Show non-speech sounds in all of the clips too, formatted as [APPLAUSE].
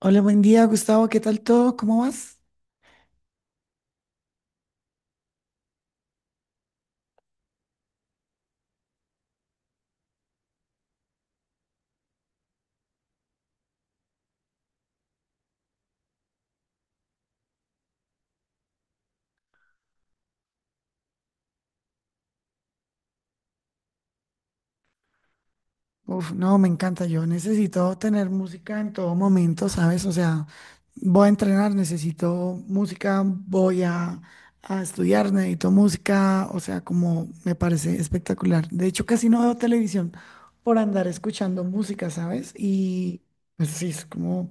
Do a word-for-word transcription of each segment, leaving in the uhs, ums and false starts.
Hola, buen día, Gustavo. ¿Qué tal todo? ¿Cómo vas? Uf, no, me encanta. Yo necesito tener música en todo momento, ¿sabes? O sea, voy a entrenar, necesito música, voy a, a estudiar, necesito música. O sea, como me parece espectacular. De hecho, casi no veo televisión por andar escuchando música, ¿sabes? Y pues sí, es como.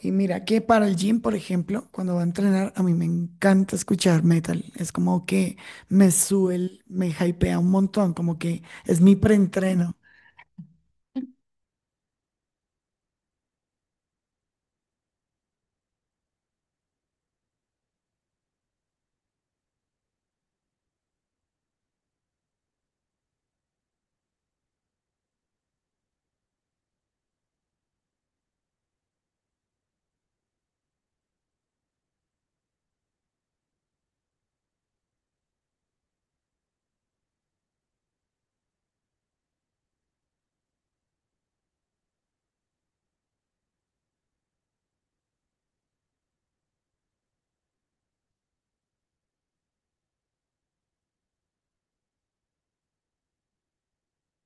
Y mira que para el gym, por ejemplo, cuando va a entrenar, a mí me encanta escuchar metal. Es como que me sube, el- me hypea un montón, como que es mi preentreno.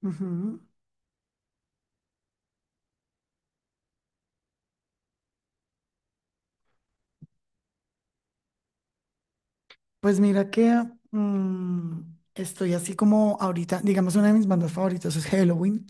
Ujú. Pues mira que mm, estoy así como ahorita, digamos, una de mis bandas favoritas es Halloween.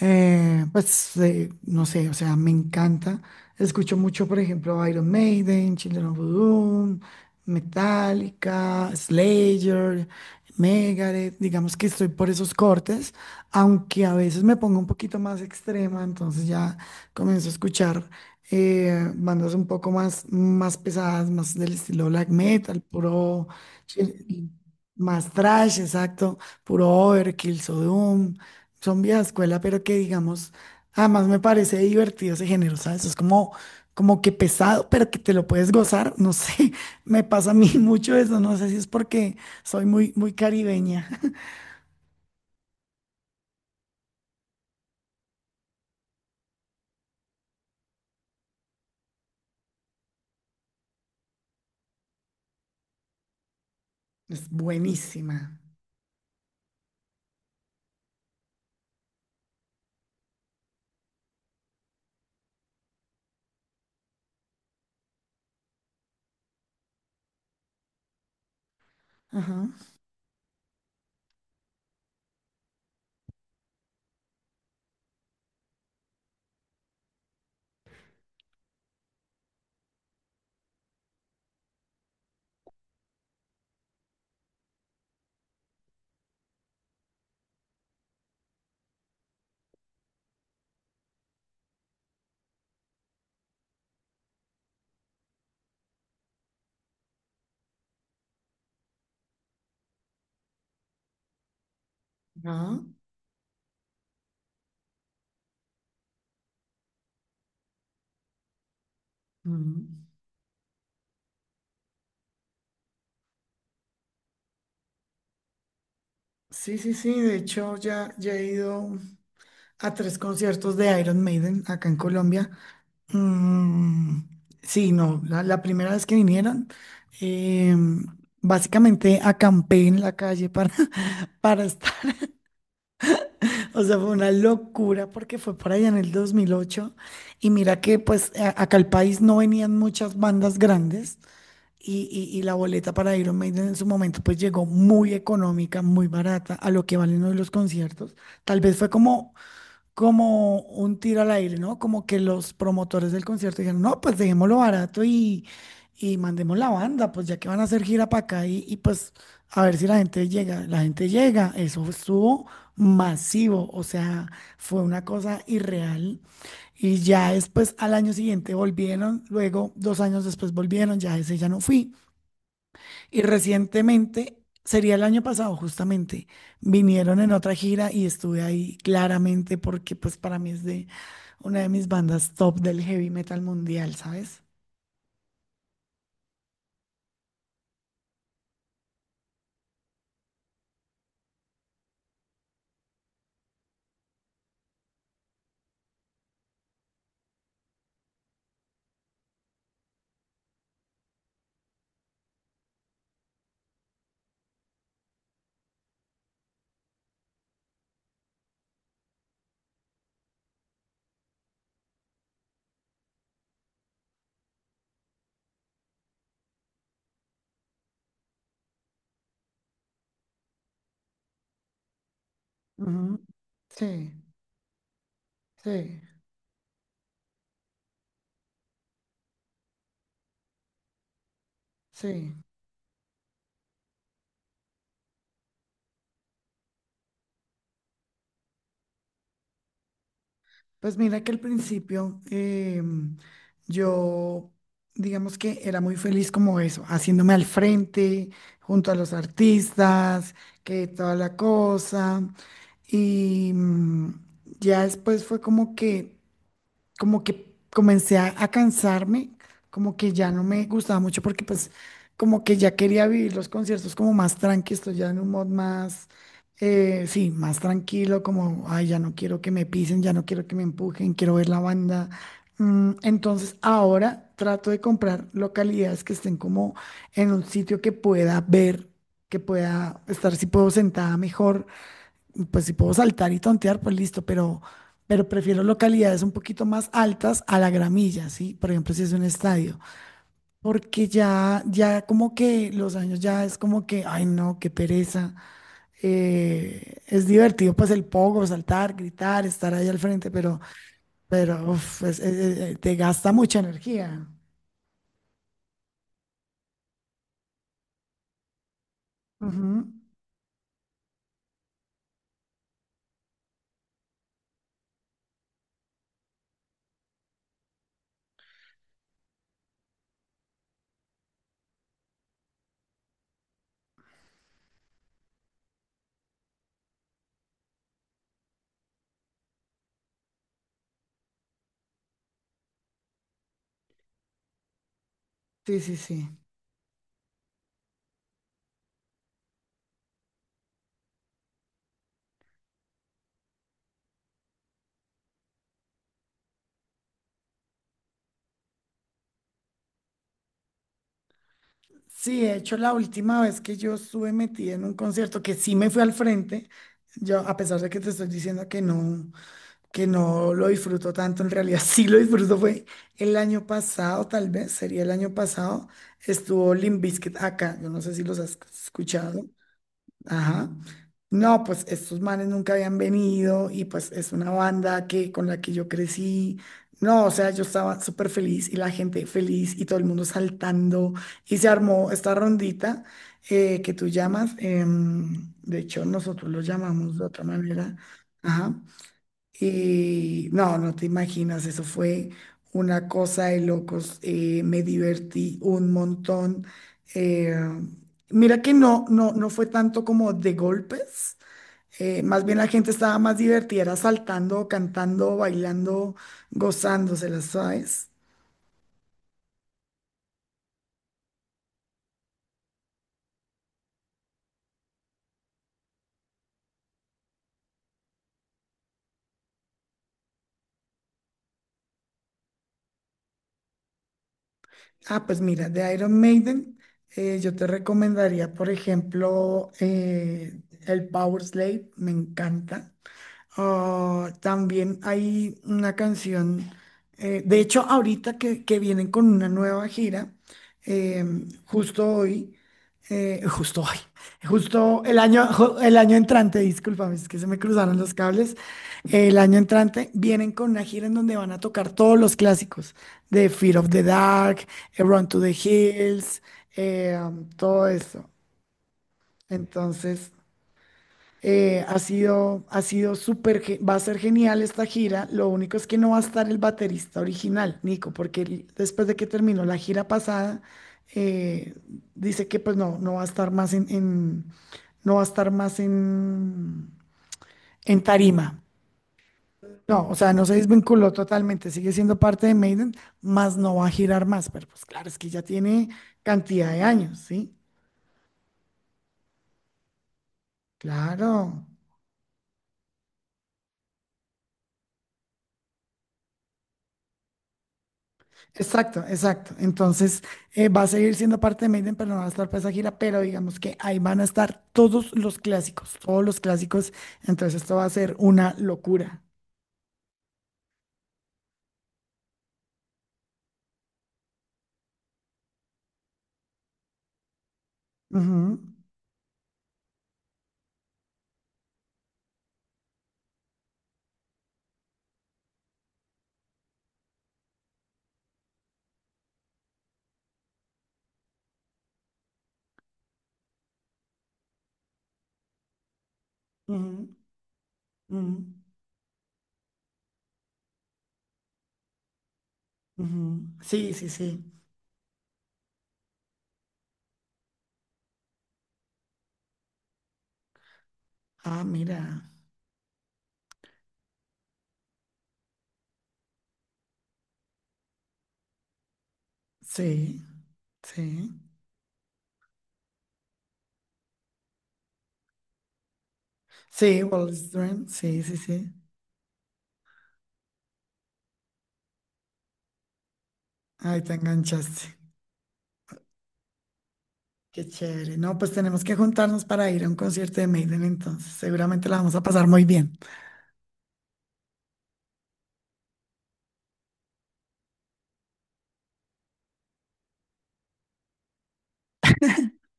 Eh, pues eh, no sé, o sea, me encanta. Escucho mucho, por ejemplo, Iron Maiden, Children of a Doom, Metallica, Slayer, Megadeth. Digamos que estoy por esos cortes, aunque a veces me pongo un poquito más extrema, entonces ya comienzo a escuchar eh, bandas un poco más, más pesadas, más del estilo black metal, puro. Sí, más trash, exacto, puro Overkill, Sodom, son vieja escuela, pero que digamos, además me parece divertido ese género, ¿sabes? Es como, como que pesado, pero que te lo puedes gozar, no sé, [LAUGHS] me pasa a mí mucho eso, no sé si es porque soy muy, muy caribeña. [LAUGHS] es buenísima. Ajá, ajá, ujú. Sí, sí, sí, de hecho ya, ya he ido a tres conciertos de Iron Maiden acá en Colombia. Mm, sí, no, la, la primera vez que vinieron, em, básicamente acampé en la calle para, [LAUGHS] para estar, o sea, fue una locura porque fue por allá en el dos mil ocho y mira que pues a- acá al país no venían muchas bandas grandes y, y- y la boleta para Iron Maiden en su momento pues llegó muy económica, muy barata a lo que valen hoy los conciertos. Tal vez fue como como un tiro al aire, ¿no? Como que los promotores del concierto dijeron, no, pues dejémoslo barato y, y mandemos la banda, pues ya que van a hacer gira para acá y, y pues a ver si la gente llega. La gente llega, eso estuvo masivo, o sea, fue una cosa irreal. Y ya después, al año siguiente volvieron, luego dos años después volvieron, ya ese ya no fui. Y recientemente, sería el año pasado justamente, vinieron en otra gira y estuve ahí claramente porque pues para mí es de una de mis bandas top del heavy metal mundial, ¿sabes? Ujú. Sí, sí, sí. Pues mira que al principio em, yo, digamos que era muy feliz como eso, haciéndome al frente, junto a los artistas, que toda la cosa. Y mm, ya después fue como que como que comencé a, a cansarme, como que ya no me gustaba mucho porque pues como que ya quería vivir los conciertos como más tranqui, estoy ya en un mod más, eh, sí, más tranquilo, como, ay, ya no quiero que me pisen, ya no quiero que me empujen, quiero ver la banda. Mm, entonces ahora trato de comprar localidades que estén como en un sitio que pueda ver, que pueda estar, si puedo sentada mejor pues si puedo saltar y tontear, pues listo, pero, pero prefiero localidades un poquito más altas a la gramilla, ¿sí? Por ejemplo, si es un estadio, porque ya, ya como que los años ya es como que, ay no, qué pereza. Eh, es divertido pues el pogo, saltar, gritar, estar ahí al frente, pero, pero uf, es- es- es- te gasta mucha energía. Ujú. Sí, sí, sí. Sí, de hecho, la última vez que yo estuve metida en un concierto, que sí me fui al frente, yo, a pesar de que te estoy diciendo que no, que no lo disfruto tanto, en realidad [LAUGHS] sí lo disfruto, fue el año pasado, tal vez, sería el año pasado, estuvo Limp Bizkit acá, yo no sé si los has escuchado. Ajá. No, pues estos manes nunca habían venido y pues es una banda que con la que yo crecí. No, o sea, yo estaba súper feliz y la gente feliz y todo el mundo saltando y se armó esta rondita eh, que tú llamas. Em, de hecho, nosotros lo llamamos de otra manera. Ajá. Y no, no te imaginas, eso fue una cosa de locos. Eh, me divertí un montón. eh, Mira que no, no, no fue tanto como de golpes. Eh, más bien la gente estaba más divertida, era saltando, cantando, bailando, gozándoselas, ¿sabes? Ah, pues mira, de Iron Maiden, eh, yo te recomendaría, por ejemplo, eh, el Power Slave, me encanta. Ah, también hay una canción, eh, de hecho ahorita que, que vienen con una nueva gira, eh, justo hoy, eh, [LAUGHS] justo hoy, justo el año, ju- el año entrante, discúlpame, es que se me cruzaron los cables, el año entrante vienen con una gira en donde van a tocar todos los clásicos de Fear of the Dark, eh, Run to the Hills, eh, um, todo eso. Entonces... Eh, ha sido, ha sido súper, ge- va a ser genial esta gira. Lo único es que no va a estar el baterista original, Nico, porque él, después de que terminó la gira pasada, eh, dice que pues no, no va a estar más en, en- no va a estar más en, en tarima. No, o sea, no se desvinculó totalmente, sigue siendo parte de Maiden, más no va a girar más, pero pues claro, es que ya tiene cantidad de años, ¿sí? Claro. Exacto, exacto. Entonces, eh, va a seguir siendo parte de Maiden, pero no va a estar para esa gira, pero digamos que ahí van a estar todos los clásicos, todos los clásicos. Entonces, esto va a ser una locura. Ujú, ujú, ujú, ujú. Sí, sí, sí. Ah, mira. Sí, sí. Sí, Wall Street. Sí, sí, sí. Ahí te enganchaste. Qué chévere. No, pues tenemos que juntarnos para ir a un concierto de Maiden, entonces. Seguramente la vamos a pasar muy bien.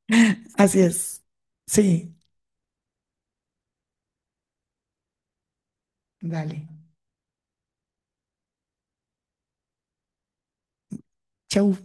[LAUGHS] Así es. Sí. Dale. Chau.